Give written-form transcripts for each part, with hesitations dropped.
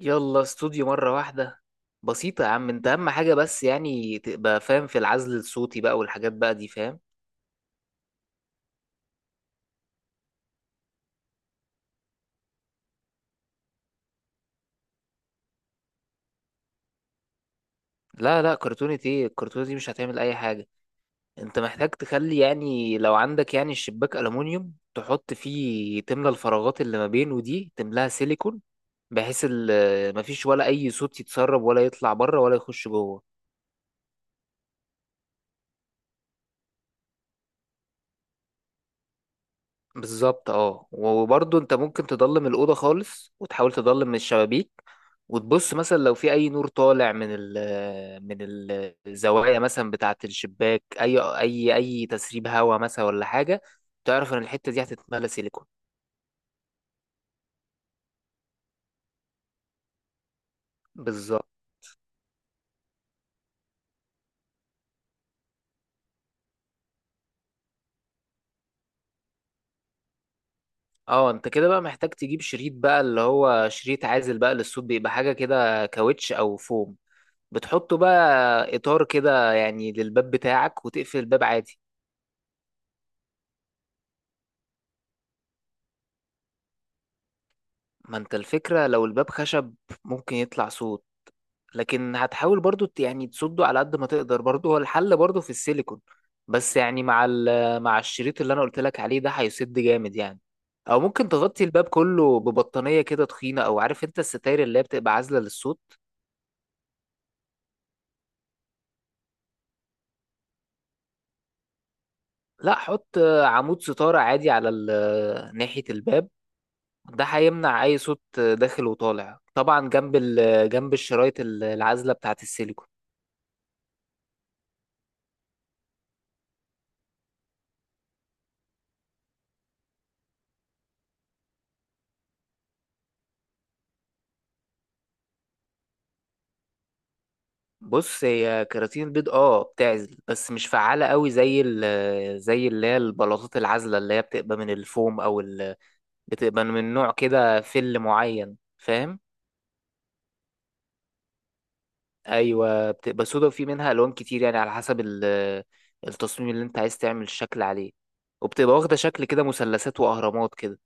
يلا استوديو مرة واحدة. بسيطة يا عم، انت اهم حاجة بس يعني تبقى فاهم في العزل الصوتي بقى والحاجات بقى دي، فاهم؟ لا لا، كرتونة ايه؟ الكرتونة دي مش هتعمل اي حاجة. انت محتاج تخلي، يعني لو عندك يعني الشباك ألمونيوم، تحط فيه تملى الفراغات اللي ما بينه دي، تملاها سيليكون بحيث مفيش ولا اي صوت يتسرب ولا يطلع بره ولا يخش جوه. بالظبط، اه، وبرضه انت ممكن تضلم الأوضة خالص وتحاول تضلم من الشبابيك. وتبص مثلا لو في أي نور طالع من الزوايا مثلا بتاعة الشباك، أي تسريب هواء مثلا ولا حاجة، تعرف إن الحتة دي هتتملى سيليكون. بالظبط. اه، انت كده بقى محتاج تجيب شريط بقى، اللي هو شريط عازل بقى للصوت، بيبقى حاجة كده كاوتش أو فوم. بتحطه بقى إطار كده يعني للباب بتاعك وتقفل الباب عادي. ما انت الفكرة لو الباب خشب ممكن يطلع صوت، لكن هتحاول برضو يعني تصده على قد ما تقدر. برضو هو الحل برضو في السيليكون، بس يعني مع مع الشريط اللي انا قلت لك عليه ده، هيسد جامد يعني. او ممكن تغطي الباب كله ببطانية كده تخينة، او عارف انت الستاير اللي هي بتبقى عازلة للصوت. لا حط عمود ستارة عادي على ناحية الباب. ده هيمنع اي صوت داخل وطالع، طبعا جنب جنب الشرايط العازلة بتاعة السيليكون. بص، هي كراتين البيض اه بتعزل بس مش فعالة قوي زي ال آه، زي اللي هي البلاطات العازلة، اللي هي بتبقى من الفوم او بتبقى من نوع كده فل معين، فاهم؟ ايوه، بتبقى سودا وفي منها الوان كتير يعني على حسب التصميم اللي انت عايز تعمل الشكل عليه، وبتبقى واخدة شكل كده مثلثات واهرامات كده.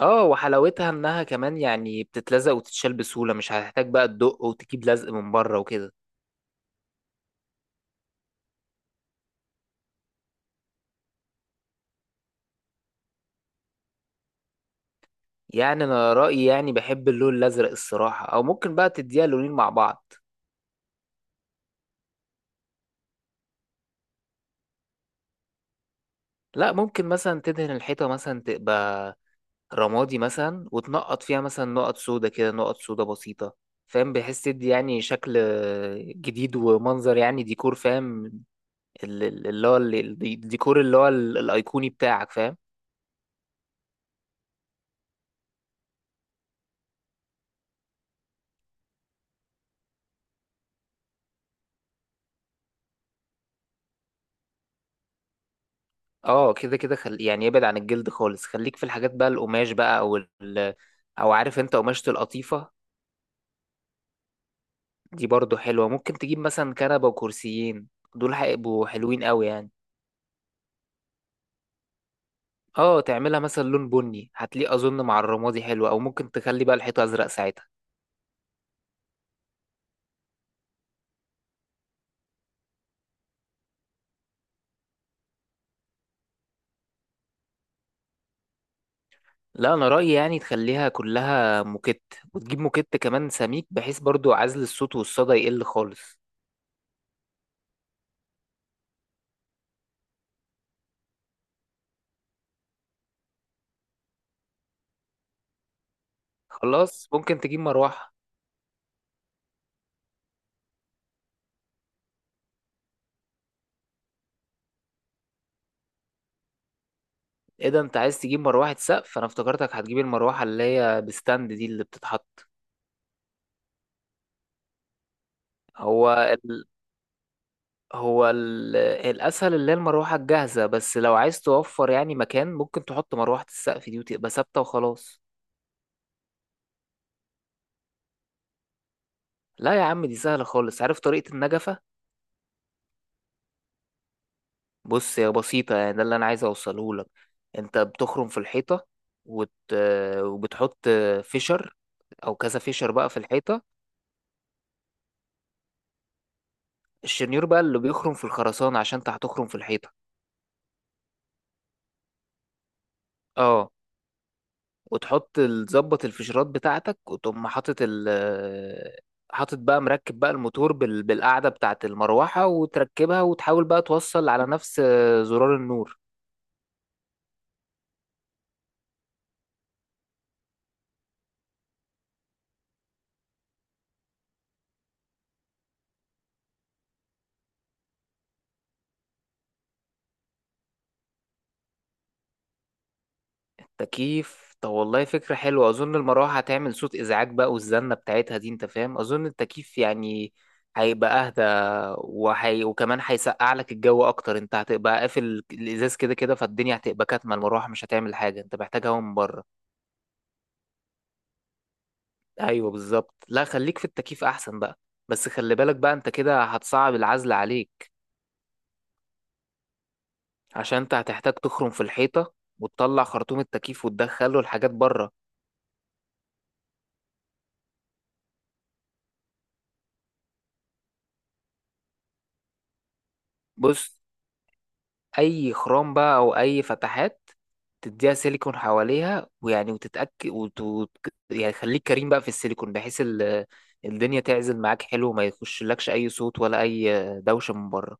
اه وحلاوتها انها كمان يعني بتتلزق وتتشال بسهولة، مش هتحتاج بقى تدق وتجيب لزق من بره وكده. يعني انا رايي يعني بحب اللون الازرق الصراحه، او ممكن بقى تديها لونين مع بعض. لا، ممكن مثلا تدهن الحيطه مثلا تبقى رمادي مثلا وتنقط فيها مثلا نقط سودا كده، نقط سودا بسيطه، فاهم؟ بحيث تدي يعني شكل جديد ومنظر، يعني ديكور فاهم، ال- ال- اللي هو ال- الديكور اللي هو الايقوني بتاعك، فاهم؟ اه كده كده، يعني ابعد عن الجلد خالص، خليك في الحاجات بقى القماش بقى، او او عارف انت قماشة القطيفة، دي برضو حلوة. ممكن تجيب مثلا كنبة وكرسيين، دول هيبقوا حلوين قوي يعني. اه تعملها مثلا لون بني، هتليق اظن مع الرمادي حلو، او ممكن تخلي بقى الحيطة ازرق ساعتها. لا انا رأيي يعني تخليها كلها موكيت، وتجيب موكيت كمان سميك، بحيث برضو عزل الصوت والصدى يقل خالص. خلاص، ممكن تجيب مروحة. ايه ده، انت عايز تجيب مروحة سقف؟ انا افتكرتك هتجيب المروحة اللي هي بستاند دي اللي بتتحط. هو هو الأسهل اللي هي المروحة الجاهزة، بس لو عايز توفر يعني مكان ممكن تحط مروحة السقف دي وتبقى ثابتة وخلاص. لا يا عم، دي سهلة خالص. عارف طريقة النجفة؟ بص هي بسيطة، يعني ده اللي أنا عايز أوصله لك. أنت بتخرم في الحيطة وت... وبتحط فيشر أو كذا فيشر بقى في الحيطة. الشنيور بقى اللي بيخرم في الخرسانة، عشان أنت هتخرم في الحيطة. اه، وتحط تظبط الفيشرات بتاعتك، وتقوم حاطط بقى مركب بقى الموتور بالقاعدة بتاعة المروحة وتركبها، وتحاول بقى توصل على نفس زرار النور. التكييف، طب والله فكرة حلوة. أظن المروحة هتعمل صوت إزعاج بقى والزنة بتاعتها دي أنت فاهم، أظن التكييف يعني هيبقى أهدى، وكمان هيسقع لك الجو أكتر. أنت هتبقى قافل الإزاز كده كده، فالدنيا هتبقى كاتمة، المروحة مش هتعمل حاجة، أنت محتاج هوا من بره. ايوه بالظبط، لا خليك في التكييف احسن بقى. بس خلي بالك بقى، انت كده هتصعب العزل عليك، عشان انت هتحتاج تخرم في الحيطه وتطلع خرطوم التكييف وتدخله الحاجات بره. بص، اي خرام بقى او اي فتحات، تديها سيليكون حواليها، ويعني وتتاكد يعني خليك كريم بقى في السيليكون، بحيث الدنيا تعزل معاك حلو وما يخشلكش اي صوت ولا اي دوشه من بره.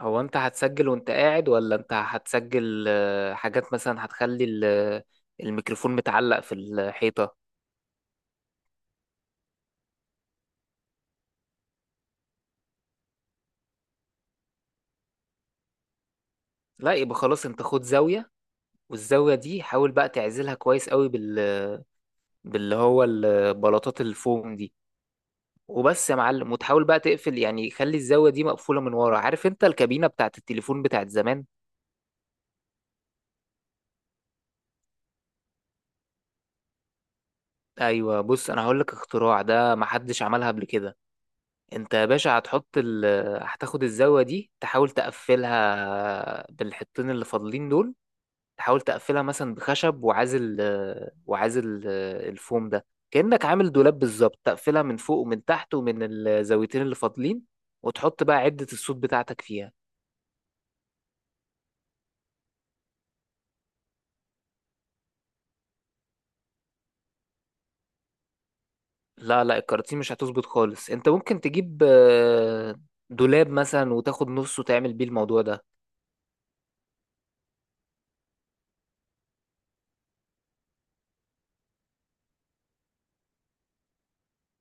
هو انت هتسجل وانت قاعد، ولا انت هتسجل حاجات مثلا هتخلي الميكروفون متعلق في الحيطة؟ لا يبقى خلاص، انت خد زاوية، والزاوية دي حاول بقى تعزلها كويس قوي باللي هو البلاطات الفوم دي، وبس يا معلم. وتحاول بقى تقفل يعني، خلي الزاوية دي مقفولة من ورا، عارف انت الكابينة بتاعت التليفون بتاعت زمان؟ ايوه، بص انا هقول لك اختراع، ده محدش عملها قبل كده. انت يا باشا هتحط ال هتاخد الزاوية دي، تحاول تقفلها بالحطين اللي فاضلين دول، تحاول تقفلها مثلا بخشب وعازل الفوم ده، كأنك عامل دولاب بالظبط. تقفلها من فوق ومن تحت ومن الزاويتين اللي فاضلين، وتحط بقى عدة الصوت بتاعتك فيها. لا لا، الكراتين مش هتظبط خالص. انت ممكن تجيب دولاب مثلا وتاخد نصه وتعمل بيه الموضوع ده.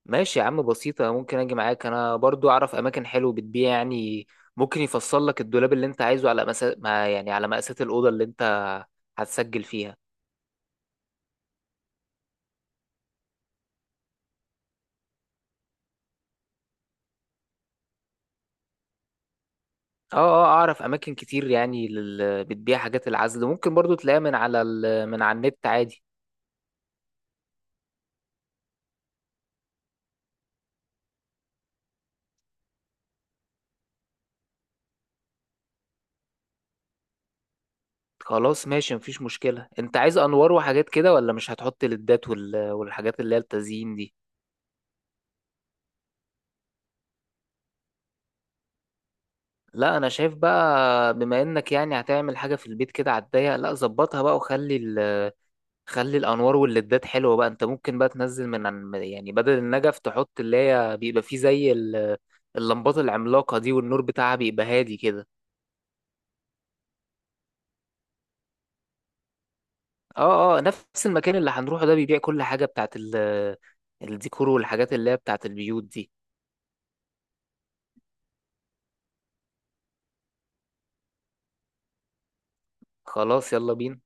ماشي يا عم، بسيطة. ممكن أجي معاك، أنا برضو أعرف أماكن حلوة بتبيع يعني، ممكن يفصل لك الدولاب اللي أنت عايزه على مسا... ما يعني على مقاسات الأوضة اللي أنت هتسجل فيها. أه أه، أعرف أماكن كتير يعني بتبيع حاجات العزل، ممكن برضو تلاقيها من على من على النت عادي. خلاص ماشي، مفيش مشكلة. أنت عايز أنوار وحاجات كده، ولا مش هتحط ليدات والحاجات اللي هي التزيين دي؟ لا أنا شايف بقى، بما إنك يعني هتعمل حاجة في البيت كده على الضيق، لا ظبطها بقى وخلي خلي الانوار والليدات حلوه بقى. انت ممكن بقى تنزل يعني بدل النجف تحط اللي هي بيبقى فيه زي اللمبات العملاقه دي، والنور بتاعها بيبقى هادي كده. اه اه، نفس المكان اللي هنروحه ده بيبيع كل حاجه بتاعت الديكور والحاجات اللي هي بتاعت البيوت دي. خلاص، يلا بينا.